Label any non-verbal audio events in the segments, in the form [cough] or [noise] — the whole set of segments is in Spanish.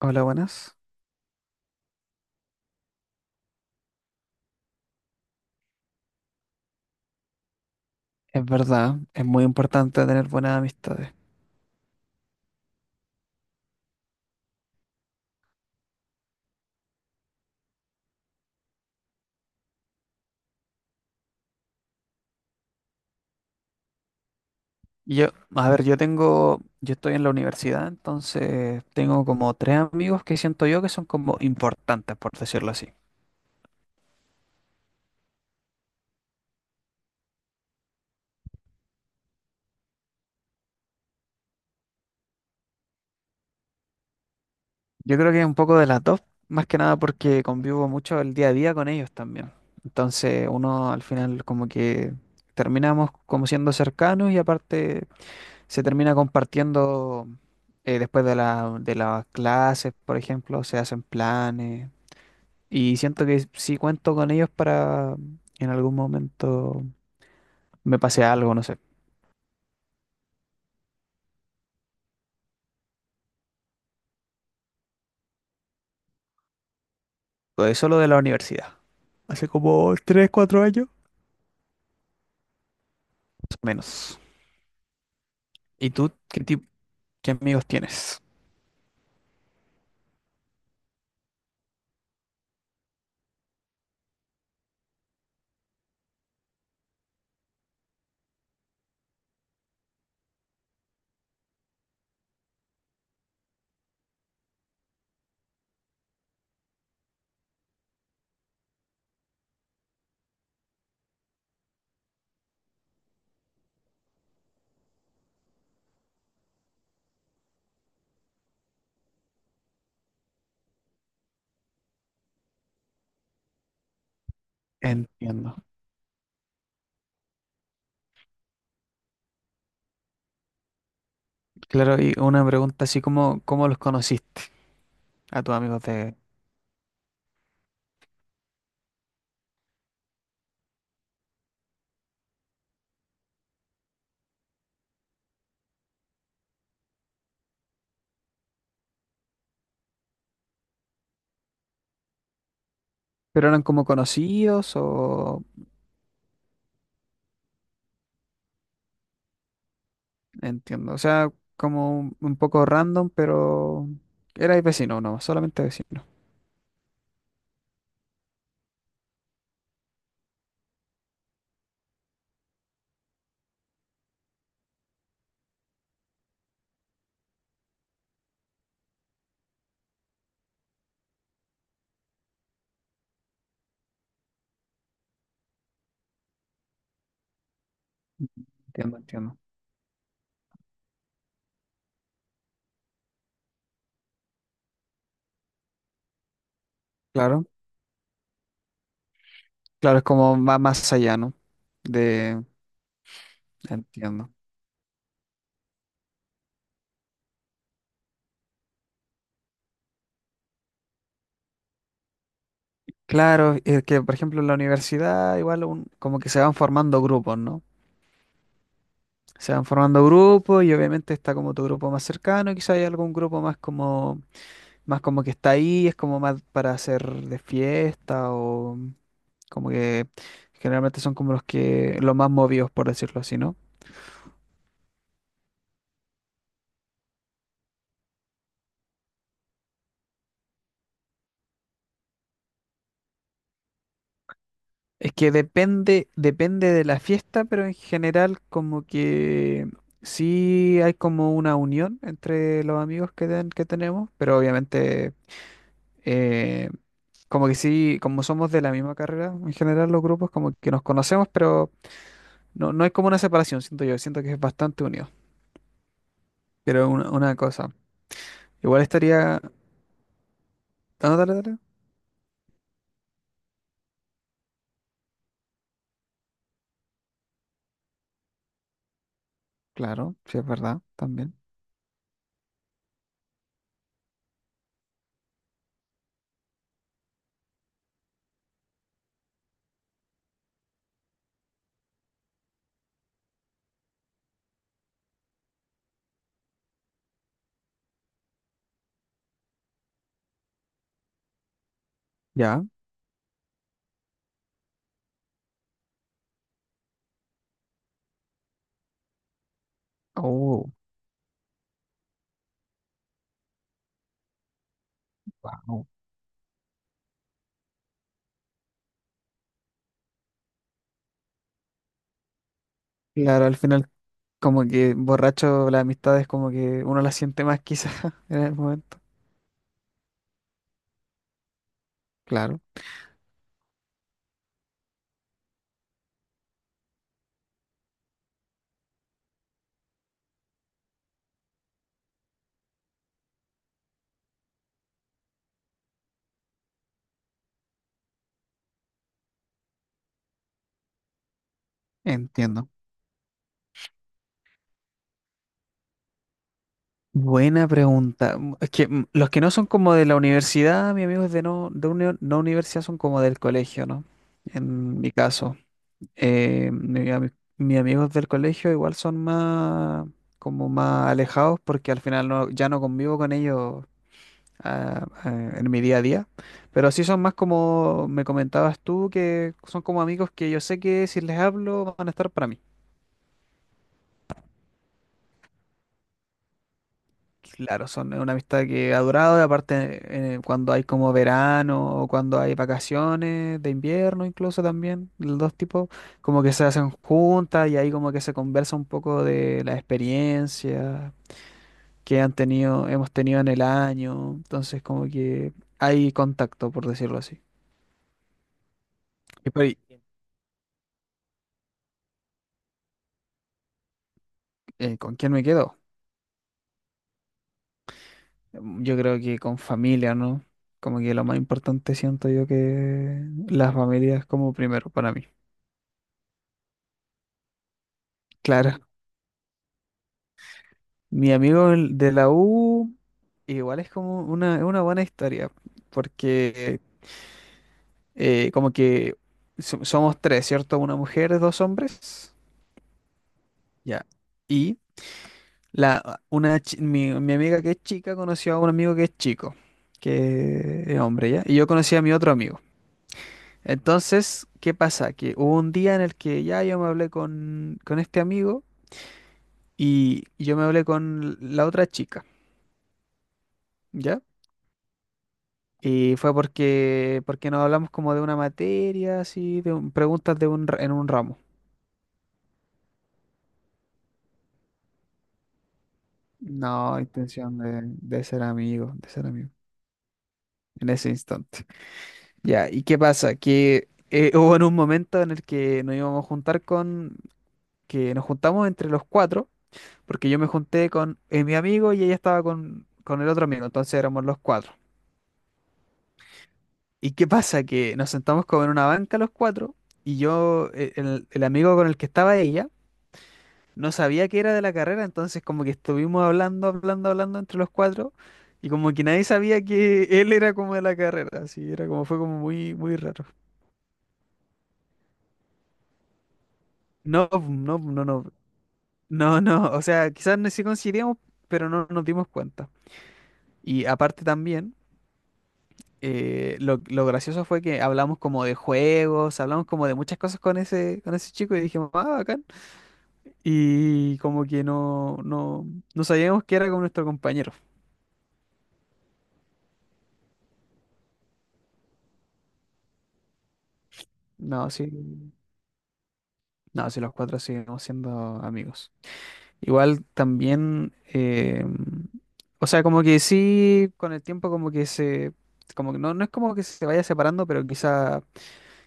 Hola, buenas. Es verdad, es muy importante tener buenas amistades. Yo, a ver, yo estoy en la universidad, entonces tengo como tres amigos que siento yo que son como importantes, por decirlo así. Yo creo que es un poco de las dos, más que nada porque convivo mucho el día a día con ellos también. Entonces uno al final como que terminamos como siendo cercanos, y aparte se termina compartiendo después de de las clases, por ejemplo, se hacen planes. Y siento que si cuento con ellos para, en algún momento me pase algo, no sé. Pues solo de la universidad. Hace como tres, 4 años, más o menos. ¿Y tú qué tipo, qué amigos tienes? Entiendo. Claro, y una pregunta así como, ¿cómo los conociste a tus amigos de...? ¿Pero eran como conocidos o...? Entiendo. O sea, como un poco random, pero... Erais vecino, no, solamente vecino. Entiendo, entiendo. Claro. Claro, es como va más allá, ¿no? De, entiendo. Claro, es que por ejemplo en la universidad igual como que se van formando grupos, ¿no? Se van formando grupos y obviamente está como tu grupo más cercano, y quizá hay algún grupo más como, más como que está ahí, es como más para hacer de fiesta, o como que generalmente son como los que, los más movidos, por decirlo así, ¿no? Es que depende, depende de la fiesta, pero en general como que sí hay como una unión entre los amigos que, que tenemos, pero obviamente eh, como que sí, como somos de la misma carrera, en general los grupos como que nos conocemos, pero no, no hay como una separación, siento yo, siento que es bastante unido. Pero una cosa, igual estaría... Ah, no, dale, dale. Claro, sí, es verdad, también. Ya. Oh, wow. Claro, al final, como que borracho, las amistades como que uno las siente más quizás [laughs] en el momento. Claro, entiendo. Buena pregunta. Mm, es que los que no son como de la universidad, mis amigos de no, de no universidad, son como del colegio, ¿no? En mi caso. Eh, mi ami- Mis amigos del colegio igual son más como más alejados, porque al final no, ya no convivo con ellos en mi día a día. Pero sí son más como me comentabas tú, que son como amigos que yo sé que si les hablo van a estar para mí. Claro, son una amistad que ha durado, y aparte cuando hay como verano o cuando hay vacaciones de invierno incluso también, los dos tipos, como que se hacen juntas y ahí como que se conversa un poco de la experiencia que han tenido, hemos tenido en el año, entonces como que hay contacto, por decirlo así. ¿Y por ahí, con quién me quedo? Mm, yo creo que con familia, ¿no? Como que lo más importante, siento yo, que las familias como primero para mí. Claro, mi amigo de la U igual es como una, es una buena historia, porque como que somos tres, ¿cierto? Una mujer, dos hombres, ya. Y la, una, mi amiga que es chica conoció a un amigo que es chico, que es hombre, ¿ya? Y yo conocí a mi otro amigo. Entonces, ¿qué pasa? Que hubo un día en el que ya yo me hablé con este amigo, y yo me hablé con la otra chica, ¿ya? Y fue porque nos hablamos como de una materia, así, de preguntas de un, en un ramo. No, intención de ser amigo, en ese instante. Ya, ¿y qué pasa? Que hubo en un momento en el que nos íbamos a juntar con, que nos juntamos entre los cuatro. Porque yo me junté con mi amigo, y ella estaba con el otro amigo, entonces éramos los cuatro. ¿Y qué pasa? Que nos sentamos como en una banca los cuatro, y yo, el amigo con el que estaba ella, no sabía que era de la carrera, entonces como que estuvimos hablando, hablando, hablando entre los cuatro, y como que nadie sabía que [laughs] él era como de la carrera, así era como, fue como muy, muy raro. No, no, no, no, no, no, o sea, quizás no, sí coincidíamos, pero no nos dimos cuenta. Y aparte también... lo gracioso fue que hablamos como de juegos, hablamos como de muchas cosas con ese chico, y dijimos, ah, bacán. Y como que no, no, no sabíamos que era con nuestro compañero. No, sí, no, sí, los cuatro seguimos siendo amigos. Igual también, o sea, como que sí, con el tiempo como que se, como que no, no es como que se vaya separando, pero quizá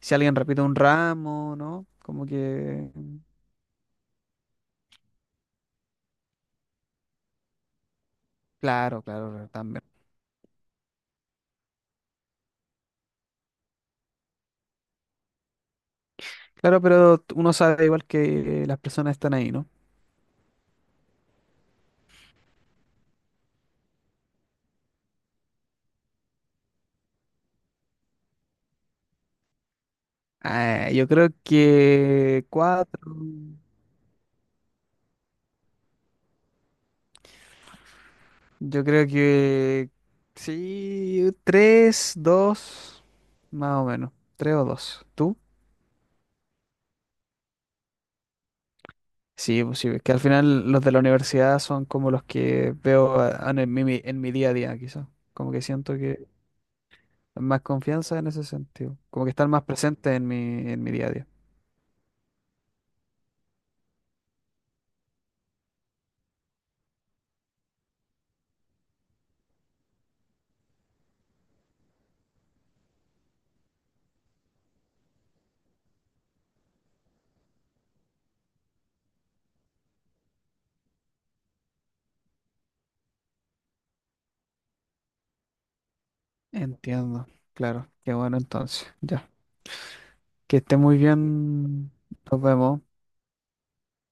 si alguien repite un ramo, ¿no? Como que, claro, claro, claro, también. Claro, pero uno sabe igual que las personas están ahí, ¿no? Ah, yo creo que cuatro, yo creo que sí, tres, dos, más o menos, tres o dos. ¿Tú? Sí, pues sí, es que al final los de la universidad son como los que veo en mi, en mi día a día, quizás. Como que siento que más confianza en ese sentido, como que están más presentes en mi día a día. Entiendo, claro, qué bueno entonces. Ya. Que esté muy bien. Nos vemos.